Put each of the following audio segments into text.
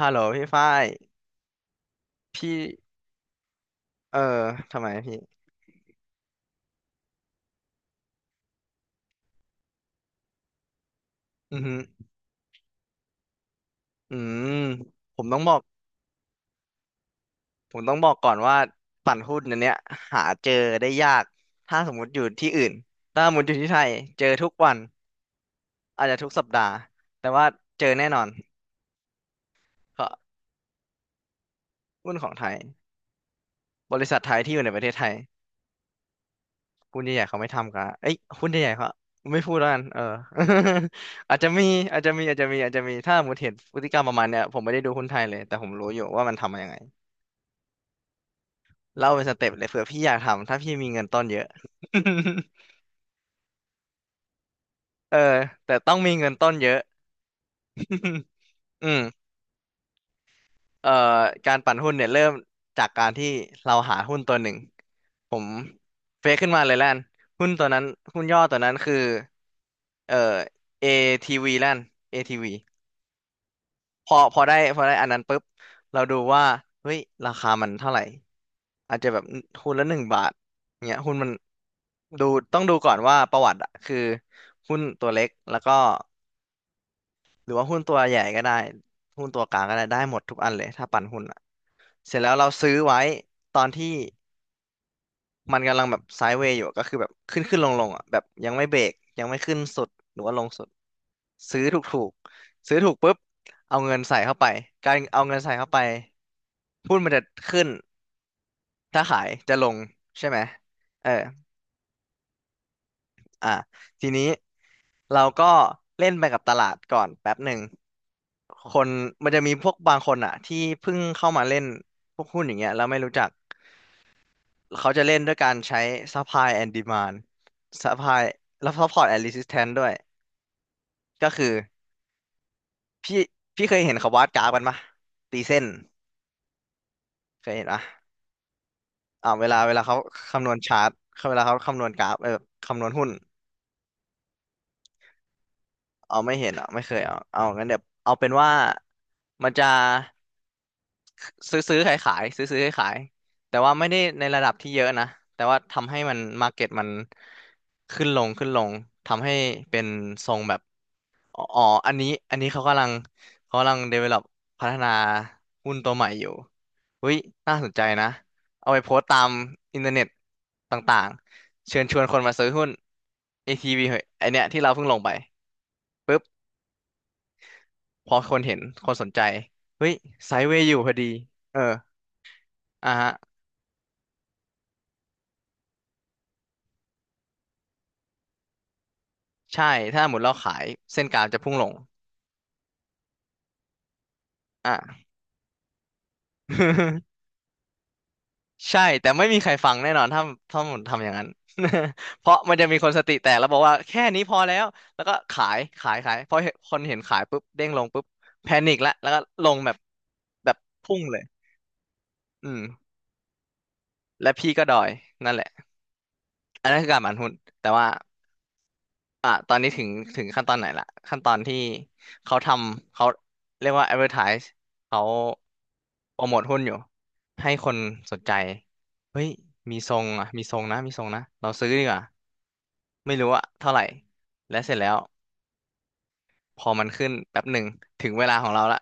ฮัลโหลพี่ฝ้ายพี่ เออ ทำไมพี่อือหืออืมผมต้องบอกก่อนว่าปั่นหุ้นอันเนี้ยหาเจอได้ยาก ถ้าสมมติอยู่ที่อื่น ถ้าสมมติอยู่ที่ไทยเจอทุกวัน อาจจะทุกสัปดาห์ แต่ว่าเจอแน่นอนเพราะหุ้นของไทย บริษัทไทยที่อยู่ในประเทศไทยหุ้นใหญ่ๆเขาไม่ทำกันเอ้ยหุ้นใหญ่ๆเขาไม่พูดแล้วกันเออ อาจจะมี อาจจะมีอาจจะมีอาจจะมีถ้าสมมติเห็นพฤติกรรมประมาณเนี้ยผมไม่ได้ดูหุ้นไทยเลยแต่ผมรู้อยู่ว่ามันทำมายังไง เล่าเป็นสเต็ปเลยเผื่อพี่อยากทำถ้าพี่มีเงินต้นเยอะ เออแต่ต้องมีเงินต้นเยอะ อืมเอ่อการปั่นหุ้นเนี่ยเริ่มจากการที่เราหาหุ้นตัวหนึ่งผมเฟซขึ้นมาเลยแล้วนหุ้นตัวนั้นหุ้นย่อตัวนั้นคือเอ่อ ATV แล้วน ATV พอพอได้พอได้อันนั้นปุ๊บเราดูว่าเฮ้ยราคามันเท่าไหร่อาจจะแบบหุ้นละหนึ่งบาทเงี้ยหุ้นมันดูต้องดูก่อนว่าประวัติอะคือหุ้นตัวเล็กแล้วก็หรือว่าหุ้นตัวใหญ่ก็ได้หุ้นตัวกลางก็ได้ได้หมดทุกอันเลยถ้าปั่นหุ้นอะเสร็จแล้วเราซื้อไว้ตอนที่มันกำลังแบบไซด์เวย์อยู่ก็คือแบบขึ้นขึ้นลงลงอะแบบยังไม่เบรกยังไม่ขึ้นสุดหรือว่าลงสุดซื้อถูกถูกซื้อถูกปุ๊บเอาเงินใส่เข้าไปการเอาเงินใส่เข้าไป หุ้นมันจะขึ้นถ้าขายจะลงใช่ไหมเอออ่ะทีนี้เราก็เล่นไปกับตลาดก่อนแป๊บหนึ่งคนมันจะมีพวกบางคนอ่ะที่เพิ่งเข้ามาเล่นพวกหุ้นอย่างเงี้ยแล้วไม่รู้จักเขาจะเล่นด้วยการใช้ supply and demand supply แล้ว support and resistance ด้วยก็คือพี่เคยเห็นเขาวาดกราฟกันปะตีเส้นเคยเห็นปะเวลาเขาคำนวณชาร์ตเขาเวลาเขาคำนวณกราฟเออคำนวณหุ้น เอาไม่เห็นอ่ะไม่เคยเอาเอางั้นเดี๋ยวเอาเป็นว่ามันจะซื้อซื้อขายขายซื้อซื้อขายขายแต่ว่าไม่ได้ในระดับที่เยอะนะแต่ว่าทำให้มันมาร์เก็ตมันขึ้นลงขึ้นลงทำให้เป็นทรงแบบอ๋ออ๋ออันนี้เขากำลังเขากำลัง develop พัฒนาหุ้นตัวใหม่อยู่อุ้ยน่าสนใจนะเอาไปโพสต์ตามอินเทอร์เน็ตต่างๆเชิญชวนคนมาซื้อหุ้น ATV เหอะไอเนี้ยที่เราเพิ่งลงไปปุ๊บ พอคนเห็นคนสนใจเฮ้ยไซด์เวย์อยู่พอดีเอออ่ะฮะใช่ถ้าหมดเราขายเส้นกลางจะพุ่งลงอ่ะ ใช่แต่ไม่มีใครฟังแน่นอนถ้าหมดทำอย่างนั้น เพราะมันจะมีคนสติแตกแล้วบอกว่าแค่นี้พอแล้ว แล้วก็ขายขายขายพอเห็นคนเห็นขายปุ๊บเด้งลงปุ๊บแพนิคละแล้วก็ลงแบบแบบพุ่งเลยอืมและพี่ก็ดอยนั่นแหละอันนั้นคือการหมั่นหุ้นแต่ว่า อ่ะตอนนี้ถึงขั้นตอนไหนละขั้นตอนที่เขาทำเขาเรียกว่า advertise เขาโปรโมทหุ้นอยู่ให้คนสนใจเฮ้ยมีทรงอ่ะมีทรงนะมีทรงนะเราซื้อดีกว่าไม่รู้อะเท่าไหร่และเสร็จแล้วพอมันขึ้นแป๊บหนึ่งถึงเวลาของเราละ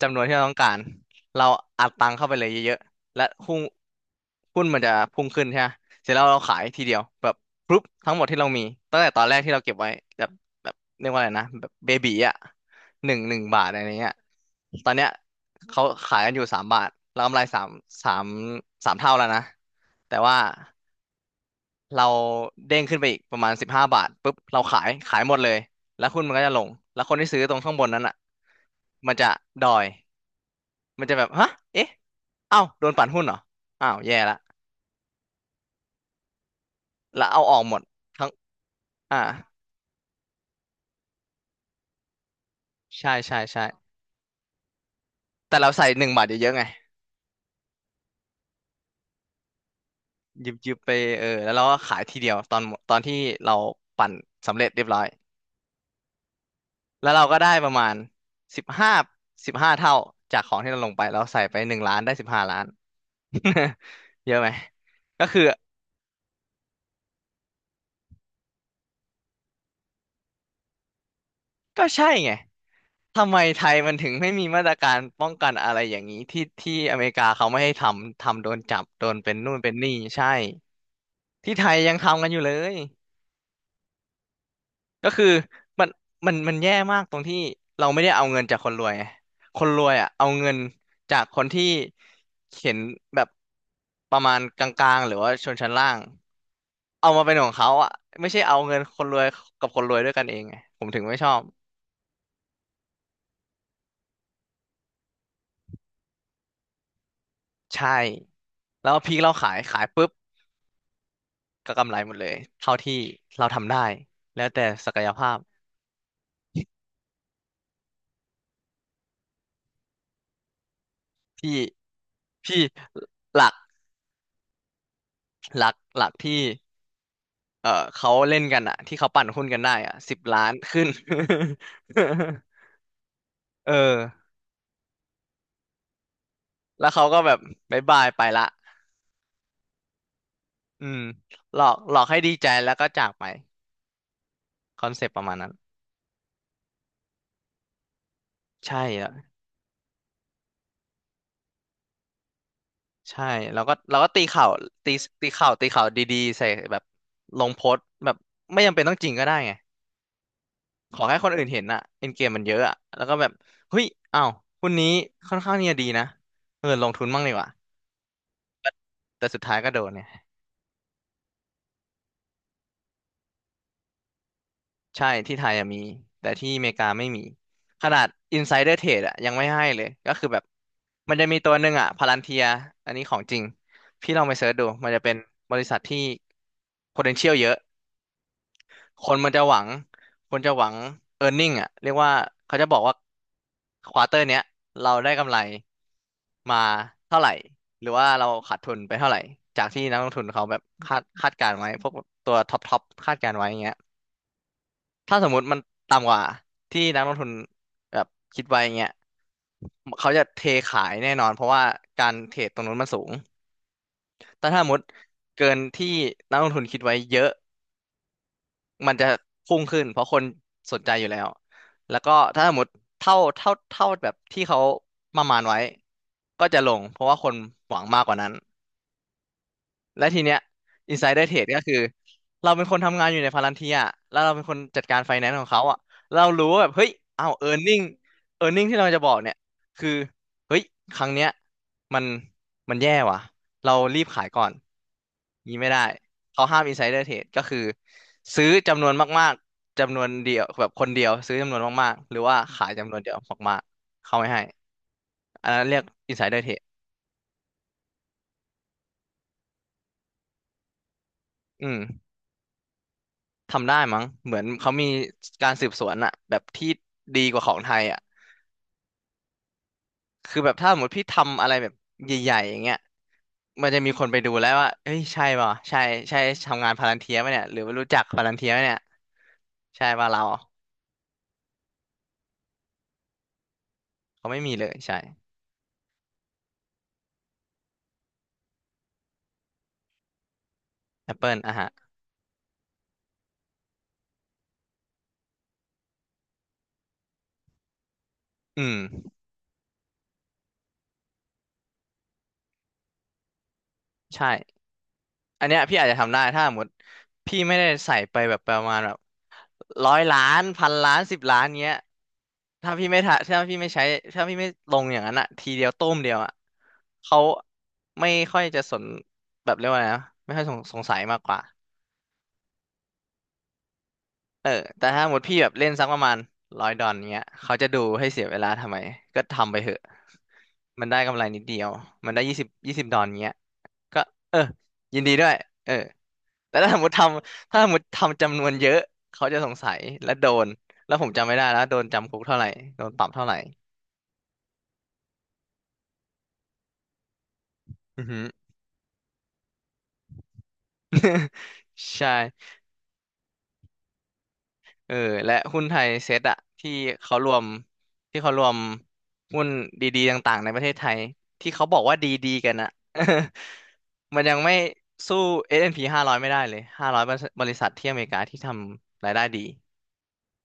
จำนวนที่เราต้องการเราอัดตังค์เข้าไปเลยเยอะๆและหุ้นมันจะพุ่งขึ้นใช่ไหมเสร็จแล้วเราขายทีเดียวแบบปุ๊บทั้งหมดที่เรามีตั้งแต่ตอนแรกที่เราเก็บไว้แบบเรียกว่าอะไรนะแบบเบบีอ่ะหนึ่งบาทอะไรเงี้ยตอนเนี้ยเขาขายกันอยู่สามบาทเรากำไรสามสามเท่าแล้วนะแต่ว่าเราเด้งขึ้นไปอีกประมาณสิบห้าบาทปุ๊บเราขายขายหมดเลยแล้วหุ้นมันก็จะลงแล้วคนที่ซื้อตรงข้างบนนั้นอ่ะมันจะดอย มันจะแบบฮะเอ๊ะเอ้าโดนปั่นหุ้นเหรออ้าวแย่ละแล้วเอาออกหมดทั้งอ่า ใช่ใช่ใช่แต่เราใส่หนึ่งบาทเยอะๆไงยิบยิบไปเออแล้วเราก็ขายทีเดียวตอนหมดตอนที่เราปั่นสำเร็จเรียบร้อย แล้วเราก็ได้ประมาณสิบห้าเท่าจากของที่เราลงไปเราใส่ไปหนึ่งล้านได้สิบห้าล้าน เยอะไหม ก็คือ ก็ใช่ไงทำไมไทยมันถึงไม่มีมาตรการป้องกันอะไรอย่างนี้ที่อเมริกาเขาไม่ให้ทำโดนจับโดนเป็นนู่นเป็นนี่ใช่ที่ไทยยังทำกันอยู่เลยก็คือมันมันแย่มากตรงที่เราไม่ได้เอาเงินจากคนรวยไงคนรวยอ่ะเอาเงินจากคนที่เห็นแบบประมาณกลางๆหรือว่าชนชั้นล่างเอามาเป็นของเขาอ่ะไม่ใช่เอาเงินคนรวยกับคนรวยด้วยกันเองไงผมถึงไม่ชอบ ใช่แล้วพริกเราขายปุ๊บก็กำไรหมดเลยเท่าที่เราทำได้แล้วแต่ศักยภาพพี่พี่หลักหลักที่เออเขาเล่นกันอะที่เขาปั่นหุ้นกันได้อะสิบล้านขึ้น เออแล้วเขาก็แบบบายบายไปละอืมหลอกหลอกให้ดีใจแล้วก็จากไปคอนเซปต์ประมาณนั้นใช่อะใช่แล้วก็ตีข่าวตีดีๆใส่แบบลงโพสต์แบบไม่จำเป็นต้องจริงก็ได้ไง ขอแค่คนอื่นเห็นอะเอ็นเกมมันเยอะอะแล้วก็แบบเฮ้ยอ้าวหุ้นนี้ค่อนข้างเนี่ยดีนะเออลงทุนบ้างดีกว่าแต่สุดท้ายก็โดนเนี่ยใช่ที่ไทยอะมีแต่ที่อเมริกาไม่มี ขนาด Insider Trade อะยังไม่ให้เลยก็คือแบบมันจะมีตัวหนึ่งอะพาลันเทีย อันนี้ของจริง พี่ลองไปเสิร์ชดู มันจะเป็นบริษัทที่ potential เยอะ คนมันจะหวังคนจะหวัง earning อ่ะเรียกว่าเขาจะบอกว่าควอเตอร์เนี้ยเราได้กำไรมาเท่าไหร่หรือว่าเราขาดทุนไปเท่าไหร่จากที่นักลงทุนเขาแบบคาดการณ์ไว้พวกตัวท็อปท็อปคาดการณ์ไว้อย่างเงี้ยถ้าสมมุติมันต่ำกว่าที่นักลงทุนแบบคิดไว้อย่างเงี้ยเขาจะเทขายแน่นอนเพราะว่าการเทรดตรงนู้นมันสูงแต่ถ้าสมมติเกินที่นักลงทุนคิดไว้เยอะ มันจะพุ่งขึ้นเพราะคนสนใจอยู่แล้ว แล้วก็ถ้าสมมติเท่าแบบที่เขาประมาณไว้ก็จะลงเพราะว่าคนหวังมากกว่านั้น และทีเนี้ย insider trade ก็คือเราเป็นคนทำงานอยู่ในพาลันเทียแล้วเราเป็นคนจัดการไฟแนนซ์ของเขาอ่ะเรารู้ว่าแบบเฮ้ยอ้าว earning ที่เราจะบอกเนี่ยคือเฮ้ยครั้งเนี้ยมันมันแย่ว่ะเรารีบขายก่อนงี้ไม่ได้เขาห้าม insider trade ก็คือซื้อจำนวนมากๆจำนวนเดียวแบบคนเดียวซื้อจำนวนมากๆหรือว่าขายจำนวนเดียวมากๆเขาไม่ให้อันนั้นเรียก insider trade อืม ทำได้มั้งเหมือนเขามีการสืบสวนอะแบบที่ดีกว่าของไทยอะคือแบบถ้าสมมติพี่ทำอะไรแบบใหญ่ๆอย่างเงี้ยมันจะมีคนไปดูแล้วว่าเอ้ยใช่ป่ะใช่ใช่ทำงานพาลันเทียไหมเนี่ยหรือว่ารู้จักพาลันเทียไหมเนี่ยใช่ป่ะเราเขาไม่มีเลยใช่ Apple อ่ะฮะอืมใช่อันเนี้ยพี่อาจจะทำได้ถ้าสมมติพี่ไม่ได้ใส่ไปแบบประมาณแบบ 100 ล้าน1,000 ล้านสิบล้านเงี้ยถ้าพี่ไม่ทะถ้าพี่ไม่ใช้ถ้าพี่ไม่ลงอย่างนั้นอะทีเดียวต้มเดียวอะเขาไม่ค่อยจะสนแบบเรียกว่าไงนะไม่ค่อยสงสัยมากกว่าเออแต่ถ้าหมดพี่แบบเล่นสักประมาณ100 ดอนเงี้ยเขาจะดูให้เสียเวลาทำไมก็ทำไปเถอะมันได้กำไรนิดเดียวมันได้ยี่สิบดอนเงี้ยก็เออยินดีด้วยเออ แต่ถ้าสมมติทำจำนวนเยอะเขาจะสงสัยและโดนแล้วผมจำไม่ได้แล้วโดนจำคุกเท่าไหร่โดนปรับเท่าไหร่อือฮึใช่เออและหุ้นไทยเซ็ตอะเขารวมที่เขารวมหุ้นดีๆต่างๆในประเทศไทยที่เขาบอกว่าดีๆกันอะ มันยังไม่สู้ S&P ้าร้อยไม่ได้เลย500บริษัทที่อเมริกาที่ทำรายได้ดี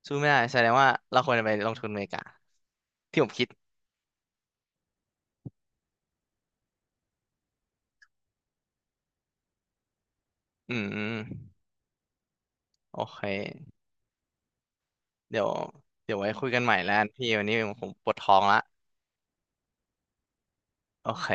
สู้ไม่ได้แสดงว่าเราควรจะไปลงทุนอเมริกาที่ผมคิดอืมโอเค เดี๋ยวเดี๋ยวไว้คุยกันใหม่แล้วกันพี่วันนี้ผมปวดท้องละโอเค